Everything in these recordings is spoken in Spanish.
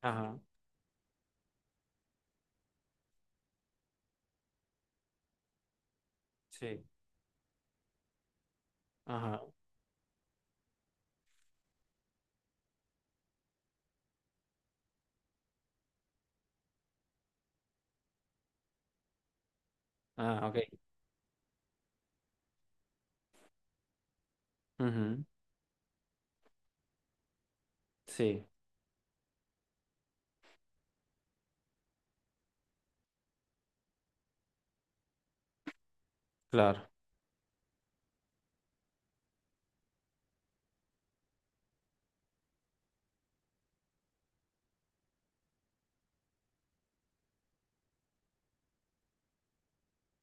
Ajá, sí, ajá, ah, ok. Ujú, sí, claro,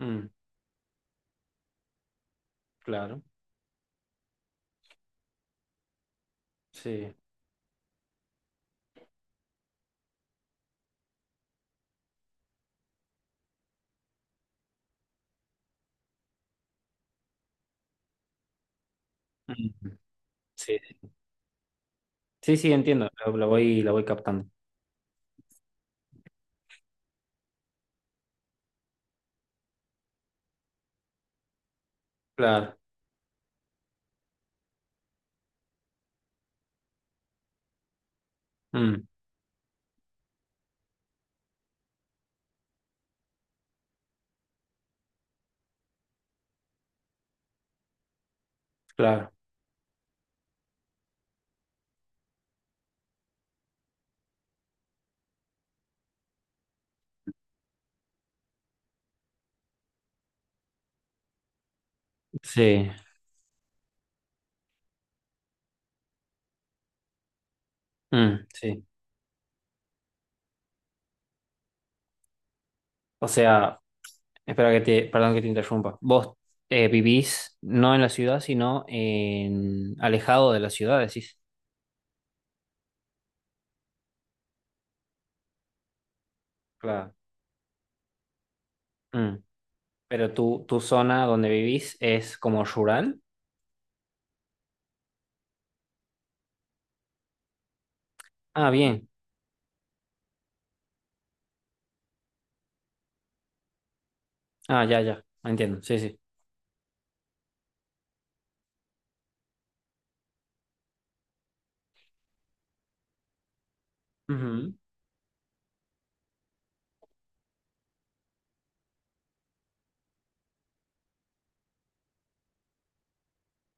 mm, claro, sí. Mm, sí, sí, sí, entiendo, lo voy captando. Claro, mm, claro, sí, mm, sí. O sea, perdón que te interrumpa. Vos vivís no en la ciudad, sino en alejado de la ciudad, decís. Claro. Mm, pero tu zona donde vivís es como rural. Ah, bien. Ah, ya, ya, entiendo, sí, sí. Ujú,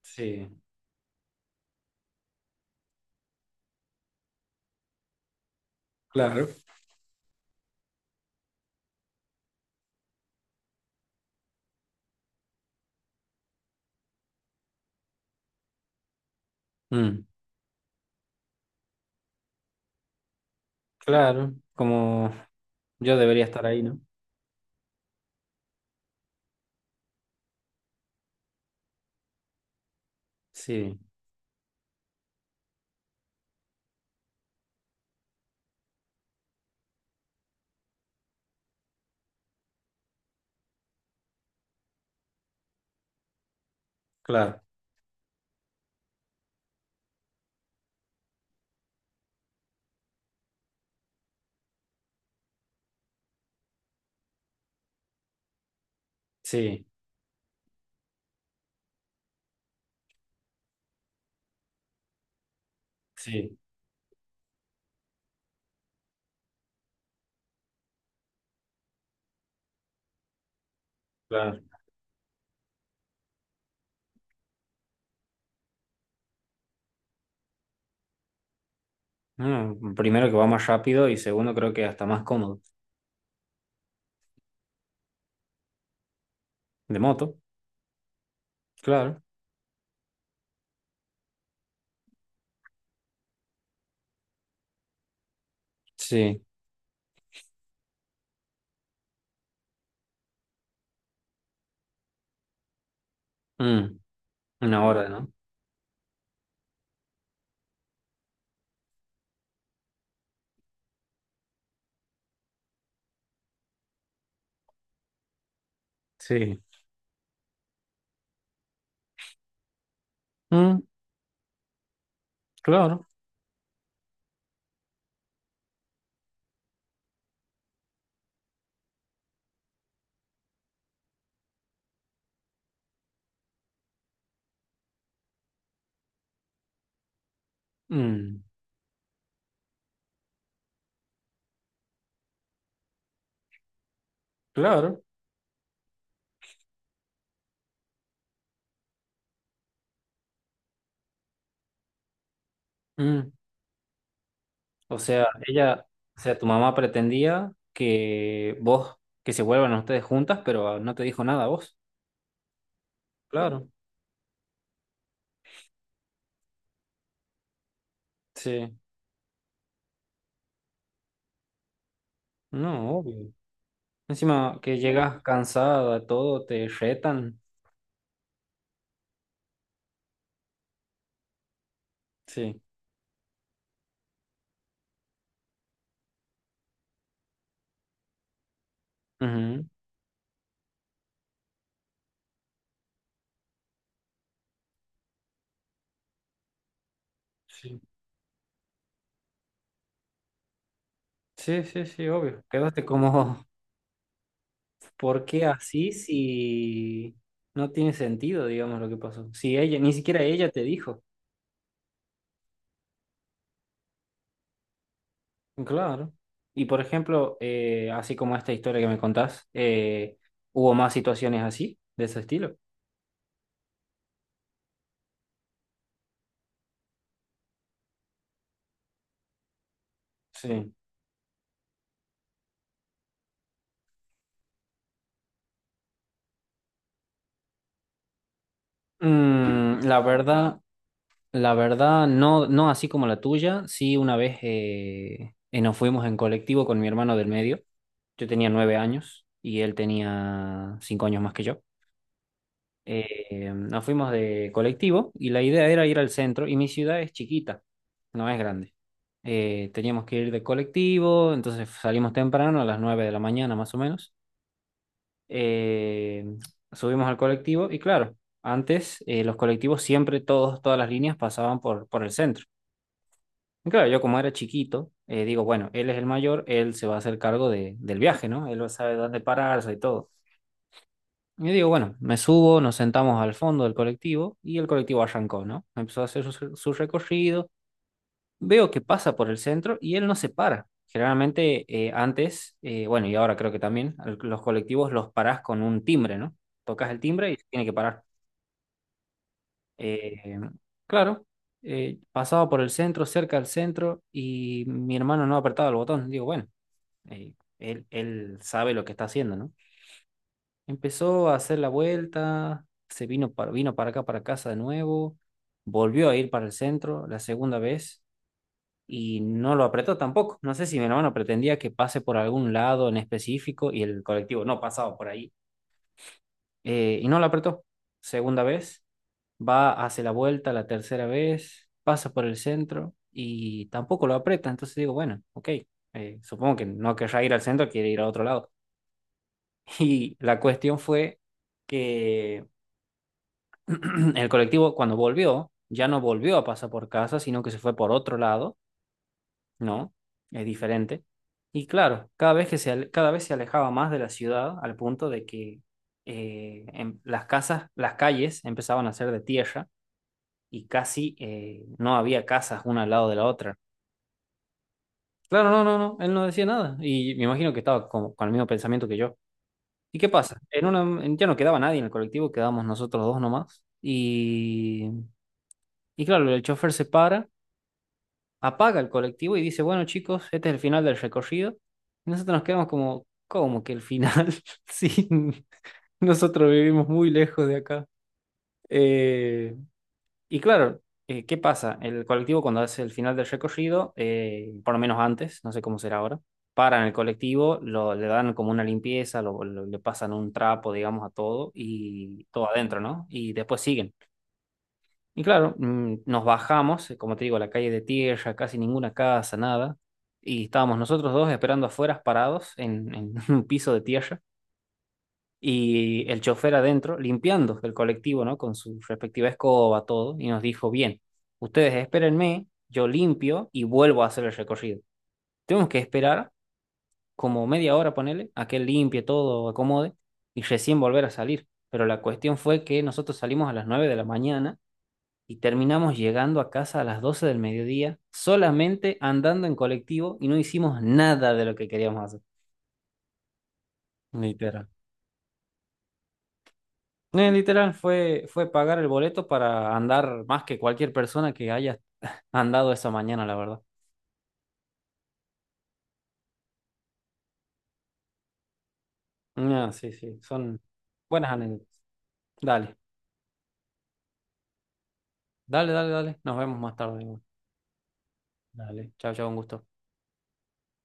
sí. Claro, mm, claro, como yo debería estar ahí, ¿no? Sí, claro, sí, sí. Claro. Mm, primero que va más rápido y segundo creo que hasta más cómodo. De moto, claro. Sí. Mm, una hora, ¿no? Sí. Mm, claro. Mm, claro. Mm. O sea, ella, o sea, tu mamá pretendía que vos, que se vuelvan ustedes juntas, pero no te dijo nada a vos. Claro. Sí. No, obvio. Encima que llegas cansada, todo, te retan. Sí, ujú. Sí. Sí, sí, sí, obvio. Quedaste como, ¿por qué así si no tiene sentido, digamos, lo que pasó? Si ella, ni siquiera ella te dijo. Claro. Y por ejemplo, así como esta historia que me contás, ¿hubo más situaciones así, de ese estilo? Sí. Mm, la verdad. La verdad, no, no así como la tuya. Sí, una vez nos fuimos en colectivo con mi hermano del medio. Yo tenía 9 años y él tenía 5 años más que yo. Nos fuimos de colectivo y la idea era ir al centro. Y mi ciudad es chiquita, no es grande. Teníamos que ir de colectivo, entonces salimos temprano, a las 9 de la mañana más o menos. Eh, Subimos al colectivo y claro, antes los colectivos siempre, todas las líneas pasaban por el centro. Claro, yo como era chiquito, digo, bueno, él es el mayor, él se va a hacer cargo de, del viaje, ¿no? Él sabe dónde pararse y todo. Y digo, bueno, me subo, nos sentamos al fondo del colectivo y el colectivo arrancó, ¿no? Empezó a hacer su, su recorrido, veo que pasa por el centro y él no se para. Generalmente antes, bueno, y ahora creo que también, los colectivos los parás con un timbre, ¿no? Tocas el timbre y se tiene que parar. Eh, claro pasaba por el centro, cerca del centro, y mi hermano no apretaba el botón. Digo, bueno, eh, él sabe lo que está haciendo, ¿no? Empezó a hacer la vuelta, vino para acá, para casa de nuevo, volvió a ir para el centro la segunda vez y no lo apretó tampoco. No sé si mi hermano pretendía que pase por algún lado en específico y el colectivo no pasaba por ahí y no lo apretó. Segunda vez, va, hace la vuelta la tercera vez, pasa por el centro y tampoco lo aprieta. Entonces digo, bueno, ok, supongo que no querrá ir al centro, quiere ir a otro lado. Y la cuestión fue que el colectivo cuando volvió, ya no volvió a pasar por casa, sino que se fue por otro lado, ¿no? Es diferente. Y claro, cada vez se alejaba más de la ciudad al punto de que las casas, las calles empezaban a ser de tierra y casi no había casas una al lado de la otra. Claro, no, no, no, él no decía nada. Y me imagino que estaba como con el mismo pensamiento que yo. ¿Y qué pasa? Ya no quedaba nadie en el colectivo, quedábamos nosotros dos nomás. Y claro, el chofer se para, apaga el colectivo y dice, bueno chicos, este es el final del recorrido. Y nosotros nos quedamos como, ¿cómo que el final? Sí, nosotros vivimos muy lejos de acá. Eh, y claro, ¿qué pasa? El colectivo cuando hace el final del recorrido, por lo menos antes, no sé cómo será ahora, paran el colectivo, le dan como una limpieza, le pasan un trapo, digamos, a todo y todo adentro, ¿no? Y después siguen. Y claro, nos bajamos, como te digo, a la calle de tierra, casi ninguna casa, nada. Y estábamos nosotros dos esperando afuera, parados en un piso de tierra y el chofer adentro limpiando el colectivo, ¿no? Con su respectiva escoba, todo, y nos dijo, bien, ustedes espérenme, yo limpio y vuelvo a hacer el recorrido. Tenemos que esperar como media hora, ponele, a que él limpie todo, acomode, y recién volver a salir. Pero la cuestión fue que nosotros salimos a las 9 de la mañana y terminamos llegando a casa a las 12 del mediodía, solamente andando en colectivo y no hicimos nada de lo que queríamos hacer. Literal. Literal, fue, fue pagar el boleto para andar más que cualquier persona que haya andado esa mañana, la verdad. Ah, sí, sí, son buenas anécdotas. Dale, dale, dale, dale. Nos vemos más tarde. Dale, chao, chao, un gusto.